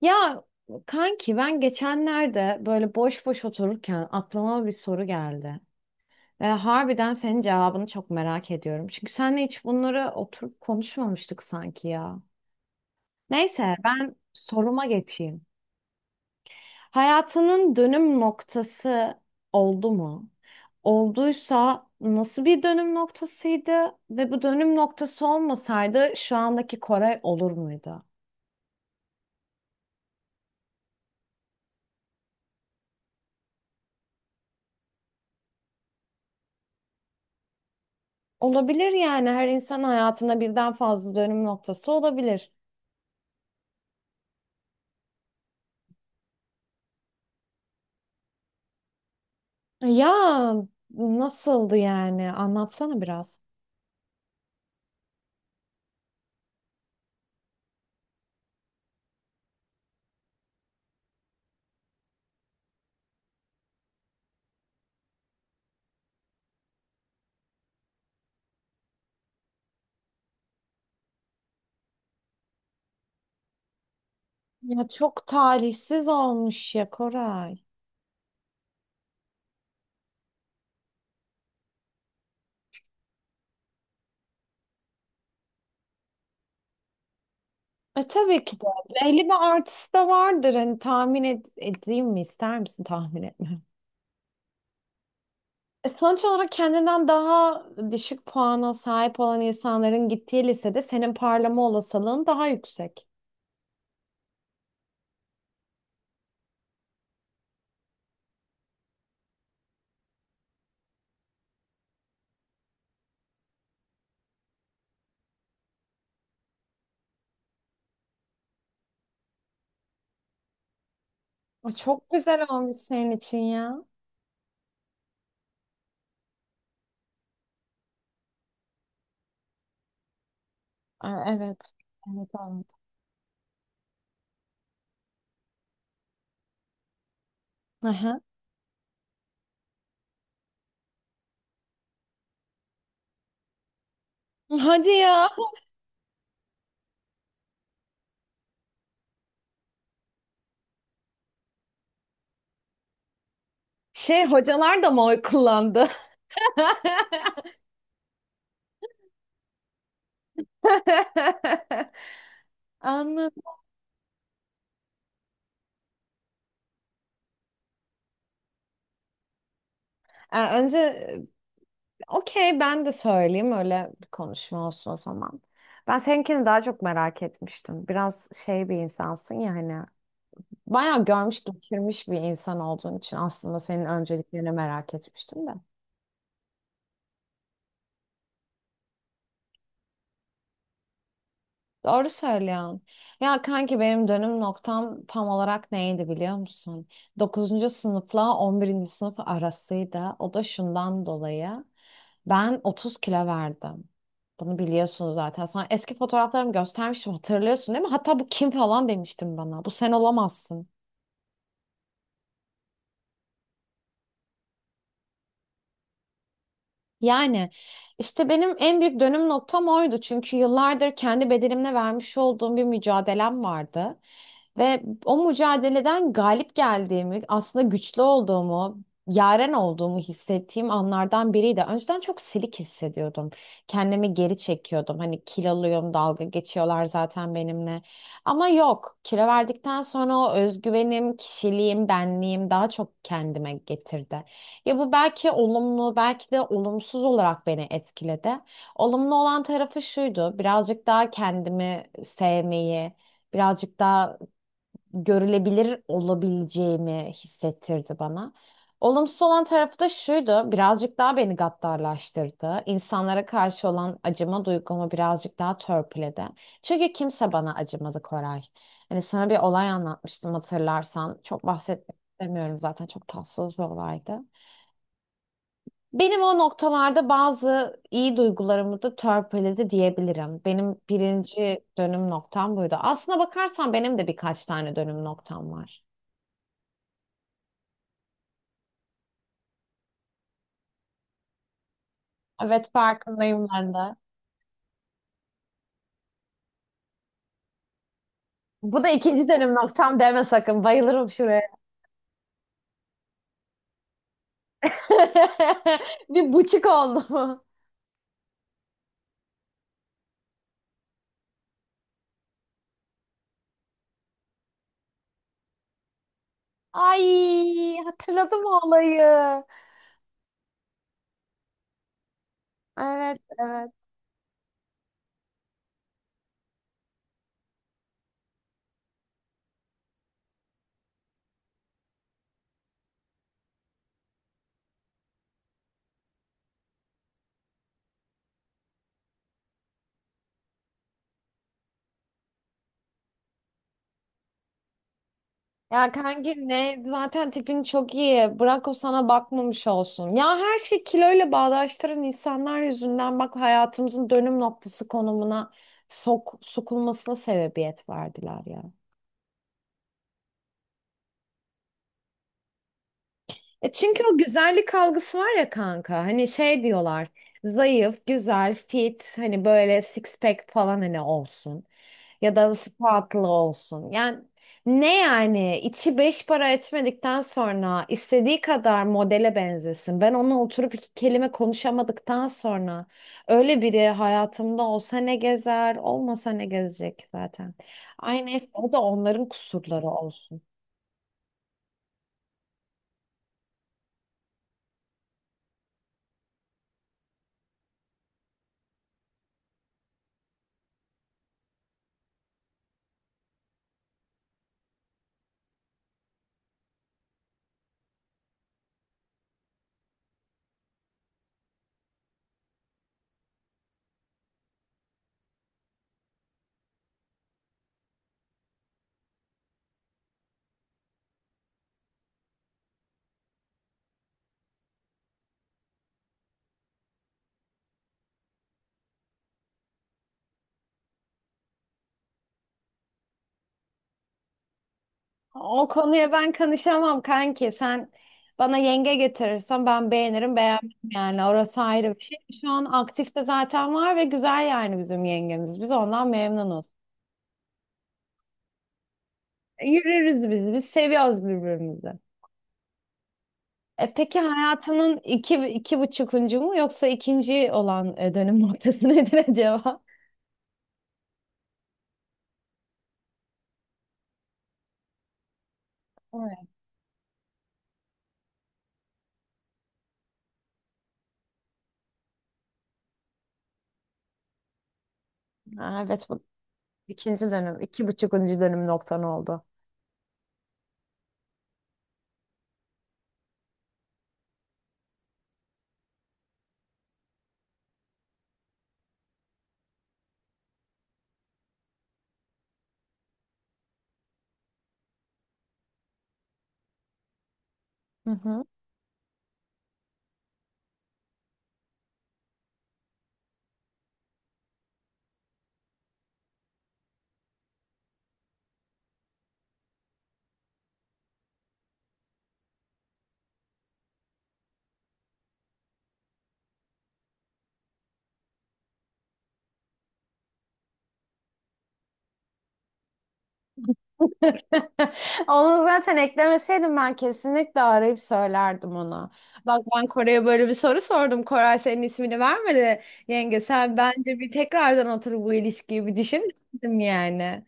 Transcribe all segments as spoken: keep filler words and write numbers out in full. Ya kanki ben geçenlerde böyle boş boş otururken aklıma bir soru geldi. Ve harbiden senin cevabını çok merak ediyorum. Çünkü seninle hiç bunları oturup konuşmamıştık sanki ya. Neyse ben soruma geçeyim. Hayatının dönüm noktası oldu mu? Olduysa nasıl bir dönüm noktasıydı? Ve bu dönüm noktası olmasaydı şu andaki Koray olur muydu? Olabilir yani her insan hayatında birden fazla dönüm noktası olabilir. Ya nasıldı yani? Anlatsana biraz. Ya çok talihsiz olmuş ya Koray. E tabii ki de. Belli bir artısı da vardır. Hani tahmin ed- edeyim mi? İster misin tahmin etme? E, sonuç olarak kendinden daha düşük puana sahip olan insanların gittiği lisede senin parlama olasılığın daha yüksek. E, Çok güzel olmuş senin için ya. E, Evet. Evet, evet. Hadi ya. Şey hocalar da mı oy kullandı? Anladım. Ee, önce e, okey ben de söyleyeyim öyle bir konuşma olsun o zaman. Ben seninkini daha çok merak etmiştim. Biraz şey bir insansın ya hani. Bayağı görmüş geçirmiş bir insan olduğun için aslında senin önceliklerini merak etmiştim de. Doğru söylüyorsun. Ya kanki benim dönüm noktam tam olarak neydi biliyor musun? Dokuzuncu sınıfla on birinci sınıf arasıydı. O da şundan dolayı. Ben otuz kilo verdim. Bunu biliyorsunuz zaten. Sana eski fotoğraflarımı göstermiştim, hatırlıyorsun değil mi? Hatta bu kim falan demiştim bana. Bu sen olamazsın. Yani işte benim en büyük dönüm noktam oydu. Çünkü yıllardır kendi bedenimle vermiş olduğum bir mücadelem vardı. Ve o mücadeleden galip geldiğimi, aslında güçlü olduğumu, yaren olduğumu hissettiğim anlardan biriydi. Önceden çok silik hissediyordum. Kendimi geri çekiyordum. Hani kiloluyum, dalga geçiyorlar zaten benimle. Ama yok, kilo verdikten sonra o özgüvenim, kişiliğim, benliğim daha çok kendime getirdi. Ya bu belki olumlu, belki de olumsuz olarak beni etkiledi. Olumlu olan tarafı şuydu, birazcık daha kendimi sevmeyi, birazcık daha görülebilir olabileceğimi hissettirdi bana. Olumsuz olan tarafı da şuydu, birazcık daha beni gaddarlaştırdı. İnsanlara karşı olan acıma duygumu birazcık daha törpüledi. Çünkü kimse bana acımadı Koray. Hani sana bir olay anlatmıştım hatırlarsan. Çok bahsetmek istemiyorum zaten, çok tatsız bir olaydı. Benim o noktalarda bazı iyi duygularımı da törpüledi diyebilirim. Benim birinci dönüm noktam buydu. Aslına bakarsan benim de birkaç tane dönüm noktam var. Evet, farkındayım ben de. Bu da ikinci dönüm noktam deme sakın. Bayılırım şuraya. Bir buçuk oldu mu? Ay, hatırladım o olayı. Evet, evet. Ya kanki ne zaten tipin çok iyi. Bırak o sana bakmamış olsun. Ya her şey kiloyla bağdaştıran insanlar yüzünden bak hayatımızın dönüm noktası konumuna sok sokulmasına sebebiyet verdiler ya. E çünkü o güzellik algısı var ya kanka. Hani şey diyorlar. Zayıf, güzel, fit, hani böyle six pack falan hani olsun. Ya da spatula olsun. Yani ne yani içi beş para etmedikten sonra istediği kadar modele benzesin. Ben onunla oturup iki kelime konuşamadıktan sonra öyle biri hayatımda olsa ne gezer, olmasa ne gezecek zaten. Ay neyse o da onların kusurları olsun. O konuya ben kanışamam kanki. Sen bana yenge getirirsen ben beğenirim beğenmem, yani orası ayrı bir şey. Şu an aktifte zaten var ve güzel yani bizim yengemiz. Biz ondan memnunuz. Yürürüz biz. Biz seviyoruz birbirimizi. E peki hayatının iki, iki buçukuncu mu yoksa ikinci olan e, dönüm noktası nedir acaba? Evet. Aa, evet bu ikinci dönüm. İki buçukuncu dönüm noktan oldu. Hı hı. Onu zaten eklemeseydim ben kesinlikle arayıp söylerdim ona. Bak ben Koray'a böyle bir soru sordum. Koray senin ismini vermedi. Yenge sen bence bir tekrardan oturup bu ilişkiyi bir düşün dedim yani.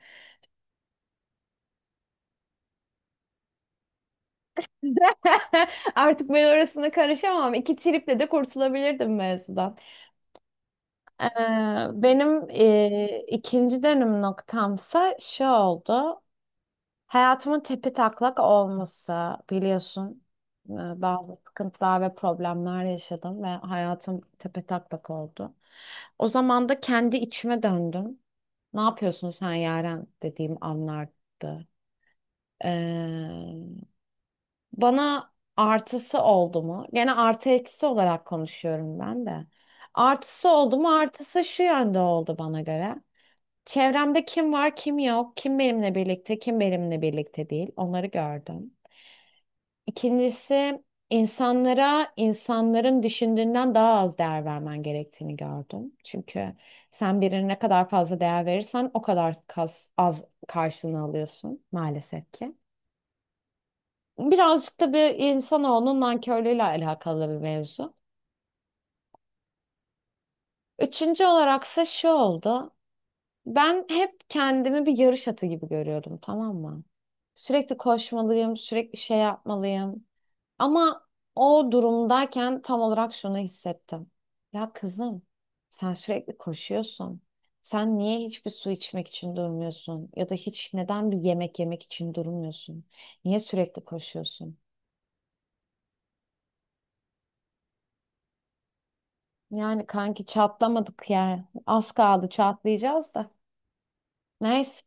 Artık ben orasına karışamam. İki triple de kurtulabilirdim mevzudan. Ee, Benim e, ikinci dönüm noktamsa şu oldu. Hayatımın tepetaklak olması biliyorsun. e, Bazı sıkıntılar ve problemler yaşadım ve hayatım tepetaklak oldu. O zaman da kendi içime döndüm. Ne yapıyorsun sen Yaren dediğim anlardı. Ee, Bana artısı oldu mu? Gene artı eksi olarak konuşuyorum ben de. Artısı oldu mu? Artısı şu yönde oldu bana göre. Çevremde kim var, kim yok, kim benimle birlikte, kim benimle birlikte değil. Onları gördüm. İkincisi insanlara insanların düşündüğünden daha az değer vermen gerektiğini gördüm. Çünkü sen birine ne kadar fazla değer verirsen o kadar kas- az karşılığını alıyorsun maalesef ki. Birazcık da bir insanoğlunun nankörlüğüyle alakalı bir mevzu. Üçüncü olaraksa şu oldu. Ben hep kendimi bir yarış atı gibi görüyordum, tamam mı? Sürekli koşmalıyım, sürekli şey yapmalıyım. Ama o durumdayken tam olarak şunu hissettim. Ya kızım, sen sürekli koşuyorsun. Sen niye hiçbir su içmek için durmuyorsun? Ya da hiç neden bir yemek yemek için durmuyorsun? Niye sürekli koşuyorsun? Yani kanki çatlamadık yani. Az kaldı çatlayacağız da. Neyse.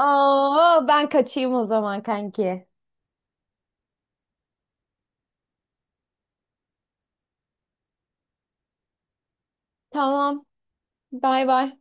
Oo, ben kaçayım o zaman kanki. Tamam. Bay bay.